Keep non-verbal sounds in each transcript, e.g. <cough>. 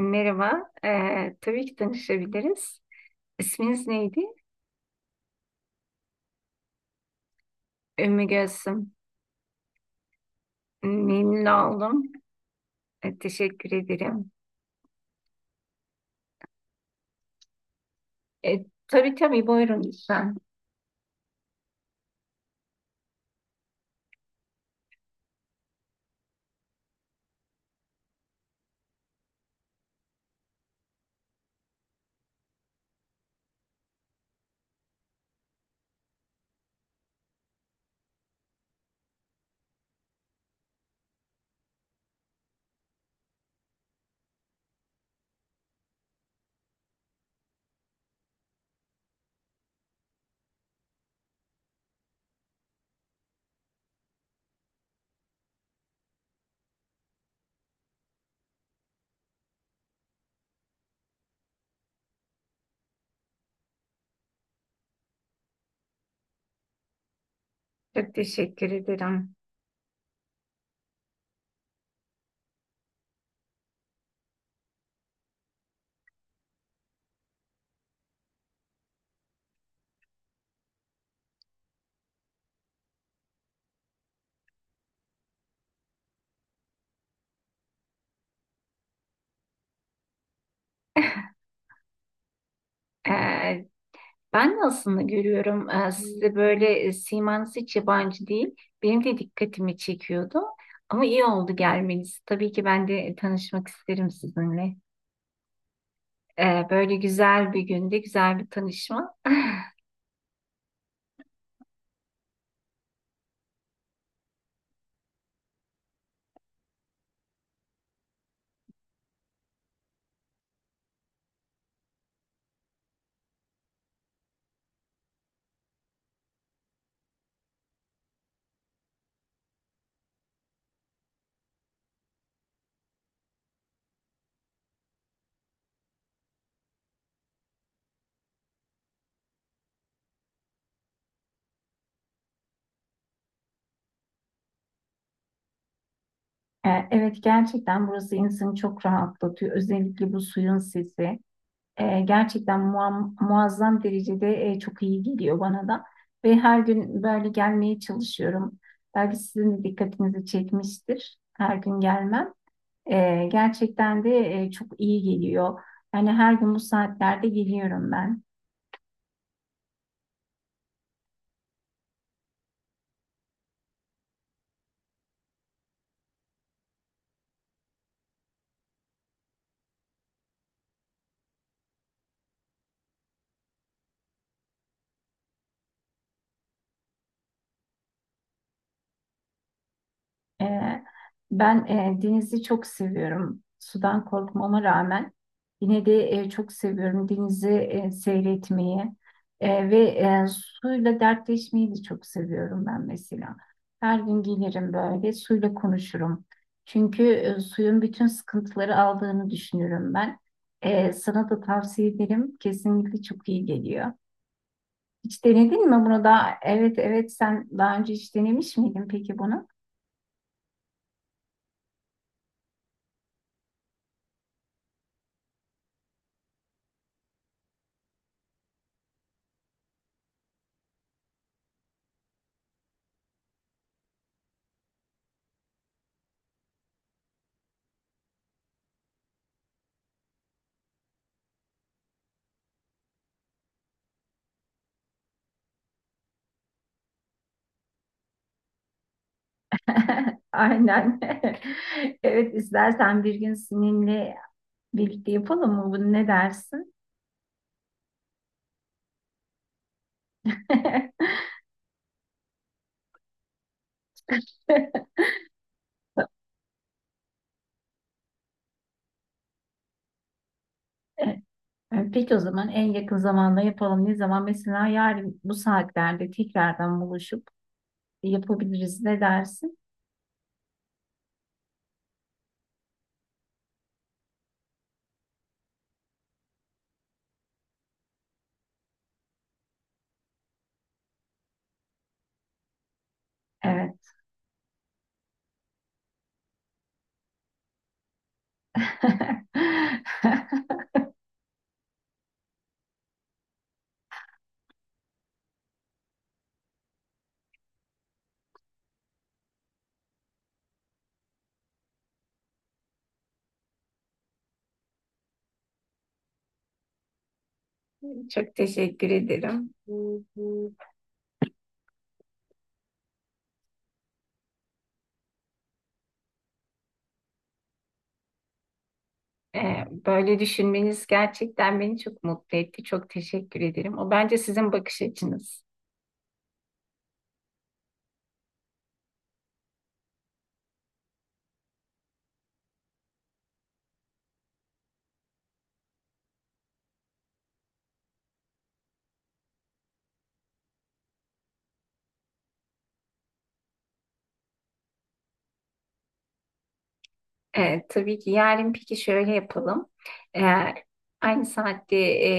Merhaba, tabii ki tanışabiliriz. İsminiz neydi? Ümmü Gülsüm. Memnun oldum. Teşekkür ederim. Tabii tabii, buyurun lütfen. Çok teşekkür ederim. Ee, ben de aslında görüyorum, sizde böyle simanız hiç yabancı değil. Benim de dikkatimi çekiyordu. Ama iyi oldu gelmeniz. Tabii ki ben de tanışmak isterim sizinle. Böyle güzel bir günde güzel bir tanışma. <laughs> Evet, gerçekten burası insanı çok rahatlatıyor. Özellikle bu suyun sesi gerçekten muazzam derecede çok iyi geliyor bana da. Ve her gün böyle gelmeye çalışıyorum. Belki sizin de dikkatinizi çekmiştir. Her gün gelmem. Gerçekten de çok iyi geliyor. Yani her gün bu saatlerde geliyorum ben. Ee, ben denizi çok seviyorum. Sudan korkmama rağmen yine de çok seviyorum denizi seyretmeyi. Ve suyla dertleşmeyi de çok seviyorum ben mesela. Her gün gelirim, böyle suyla konuşurum. Çünkü suyun bütün sıkıntıları aldığını düşünüyorum ben. Sana da tavsiye ederim. Kesinlikle çok iyi geliyor. Hiç denedin mi bunu da? Evet evet, sen daha önce hiç denemiş miydin peki bunu? <laughs> Aynen. <laughs> Evet, istersen bir gün seninle birlikte yapalım mı bunu? Ne dersin? <laughs> Peki o zaman en yakın zamanda yapalım. Ne zaman? Mesela yarın bu saatlerde tekrardan buluşup yapabiliriz. Ne dersin? Evet. <laughs> Çok teşekkür ederim. Böyle düşünmeniz gerçekten beni çok mutlu etti. Çok teşekkür ederim. O bence sizin bakış açınız. Evet, tabii ki. Yarın peki şöyle yapalım. Ee, aynı saatte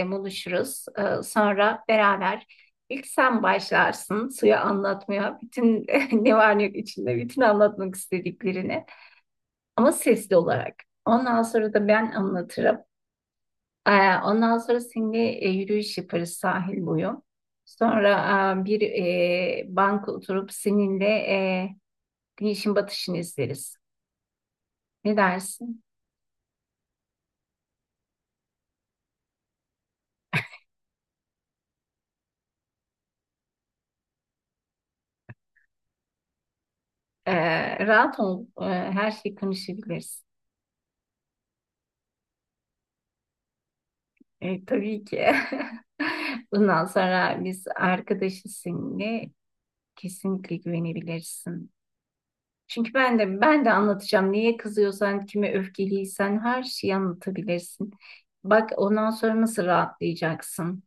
buluşuruz. Sonra beraber ilk sen başlarsın suya anlatmaya. Bütün <laughs> ne var ne yok içinde, bütün anlatmak istediklerini. Ama sesli olarak. Ondan sonra da ben anlatırım. Ondan sonra seninle yürüyüş yaparız sahil boyu. Sonra bir banka oturup seninle güneşin batışını izleriz. Ne dersin? Rahat ol. Her şeyi konuşabiliriz. Tabii ki. <laughs> Bundan sonra biz arkadaşız seninle. Kesinlikle güvenebilirsin. Çünkü ben de anlatacağım. Niye kızıyorsan, kime öfkeliysen her şeyi anlatabilirsin. Bak ondan sonra nasıl rahatlayacaksın.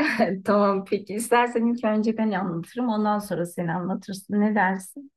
<laughs> Tamam peki. İstersen ilk önce ben anlatırım. Ondan sonra sen anlatırsın. Ne dersin?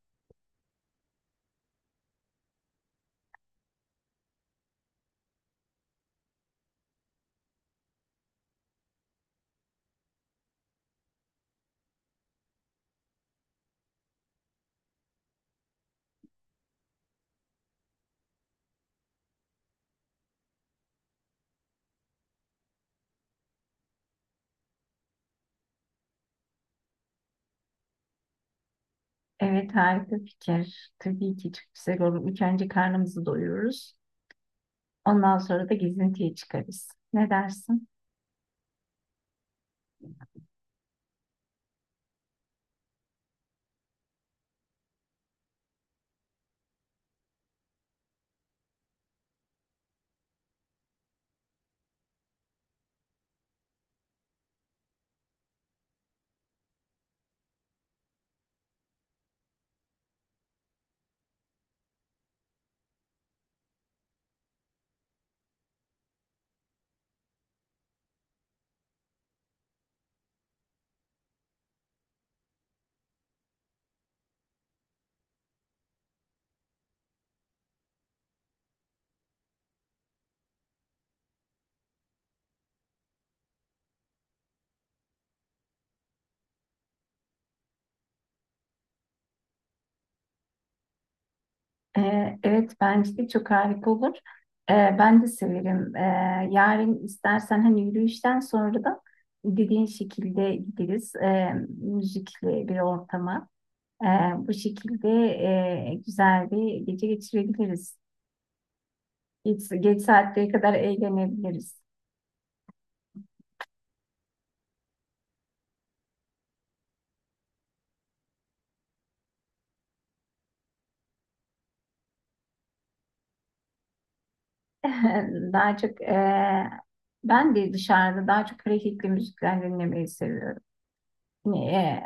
Evet, harika fikir. Tabii ki çok güzel olur. İlk önce karnımızı doyururuz. Ondan sonra da gezintiye çıkarız. Ne dersin? Evet, bence de çok harika olur. Ben de severim. Yarın istersen hani yürüyüşten sonra da dediğin şekilde gideriz. Müzikli bir ortama. Ee, bu şekilde güzel bir gece geçirebiliriz. Geç saatlere kadar eğlenebiliriz. <laughs> Daha çok ben de dışarıda daha çok hareketli müzikler dinlemeyi seviyorum. Ne,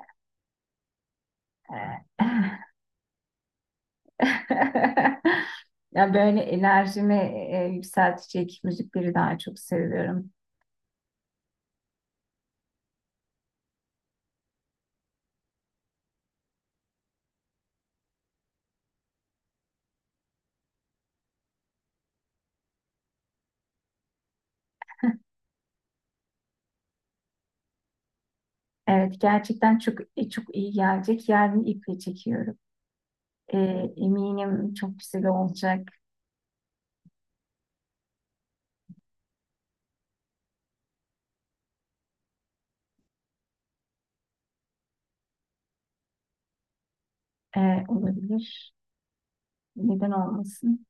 e, e. <laughs> <laughs> Ya böyle enerjimi yükseltecek müzikleri daha çok seviyorum. Evet, gerçekten çok çok iyi gelecek. Yarın iple çekiyorum. E, eminim çok güzel olacak. E, olabilir. Neden olmasın?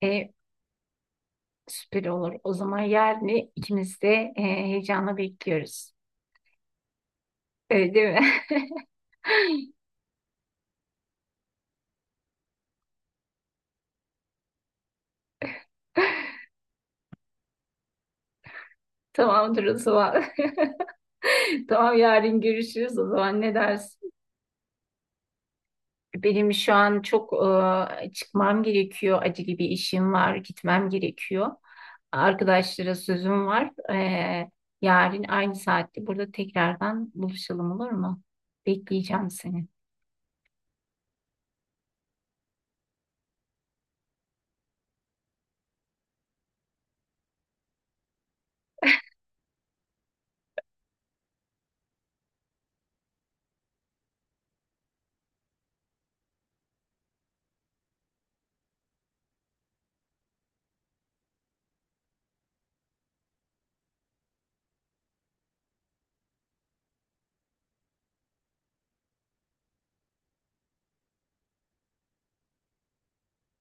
E, süper olur. O zaman yarın ikimiz de heyecanla bekliyoruz. Öyle değil mi? <laughs> Tamamdır o zaman. <laughs> Tamam, yarın görüşürüz o zaman, ne dersin? Benim şu an çok çıkmam gerekiyor. Acil bir işim var, gitmem gerekiyor. Arkadaşlara sözüm var. Yarın aynı saatte burada tekrardan buluşalım, olur mu? Bekleyeceğim seni.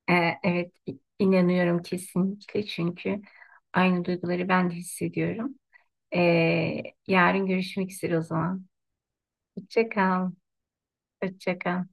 E, evet, inanıyorum kesinlikle, çünkü aynı duyguları ben de hissediyorum. E, yarın görüşmek üzere o zaman. Hoşça kal. Hoşça kal.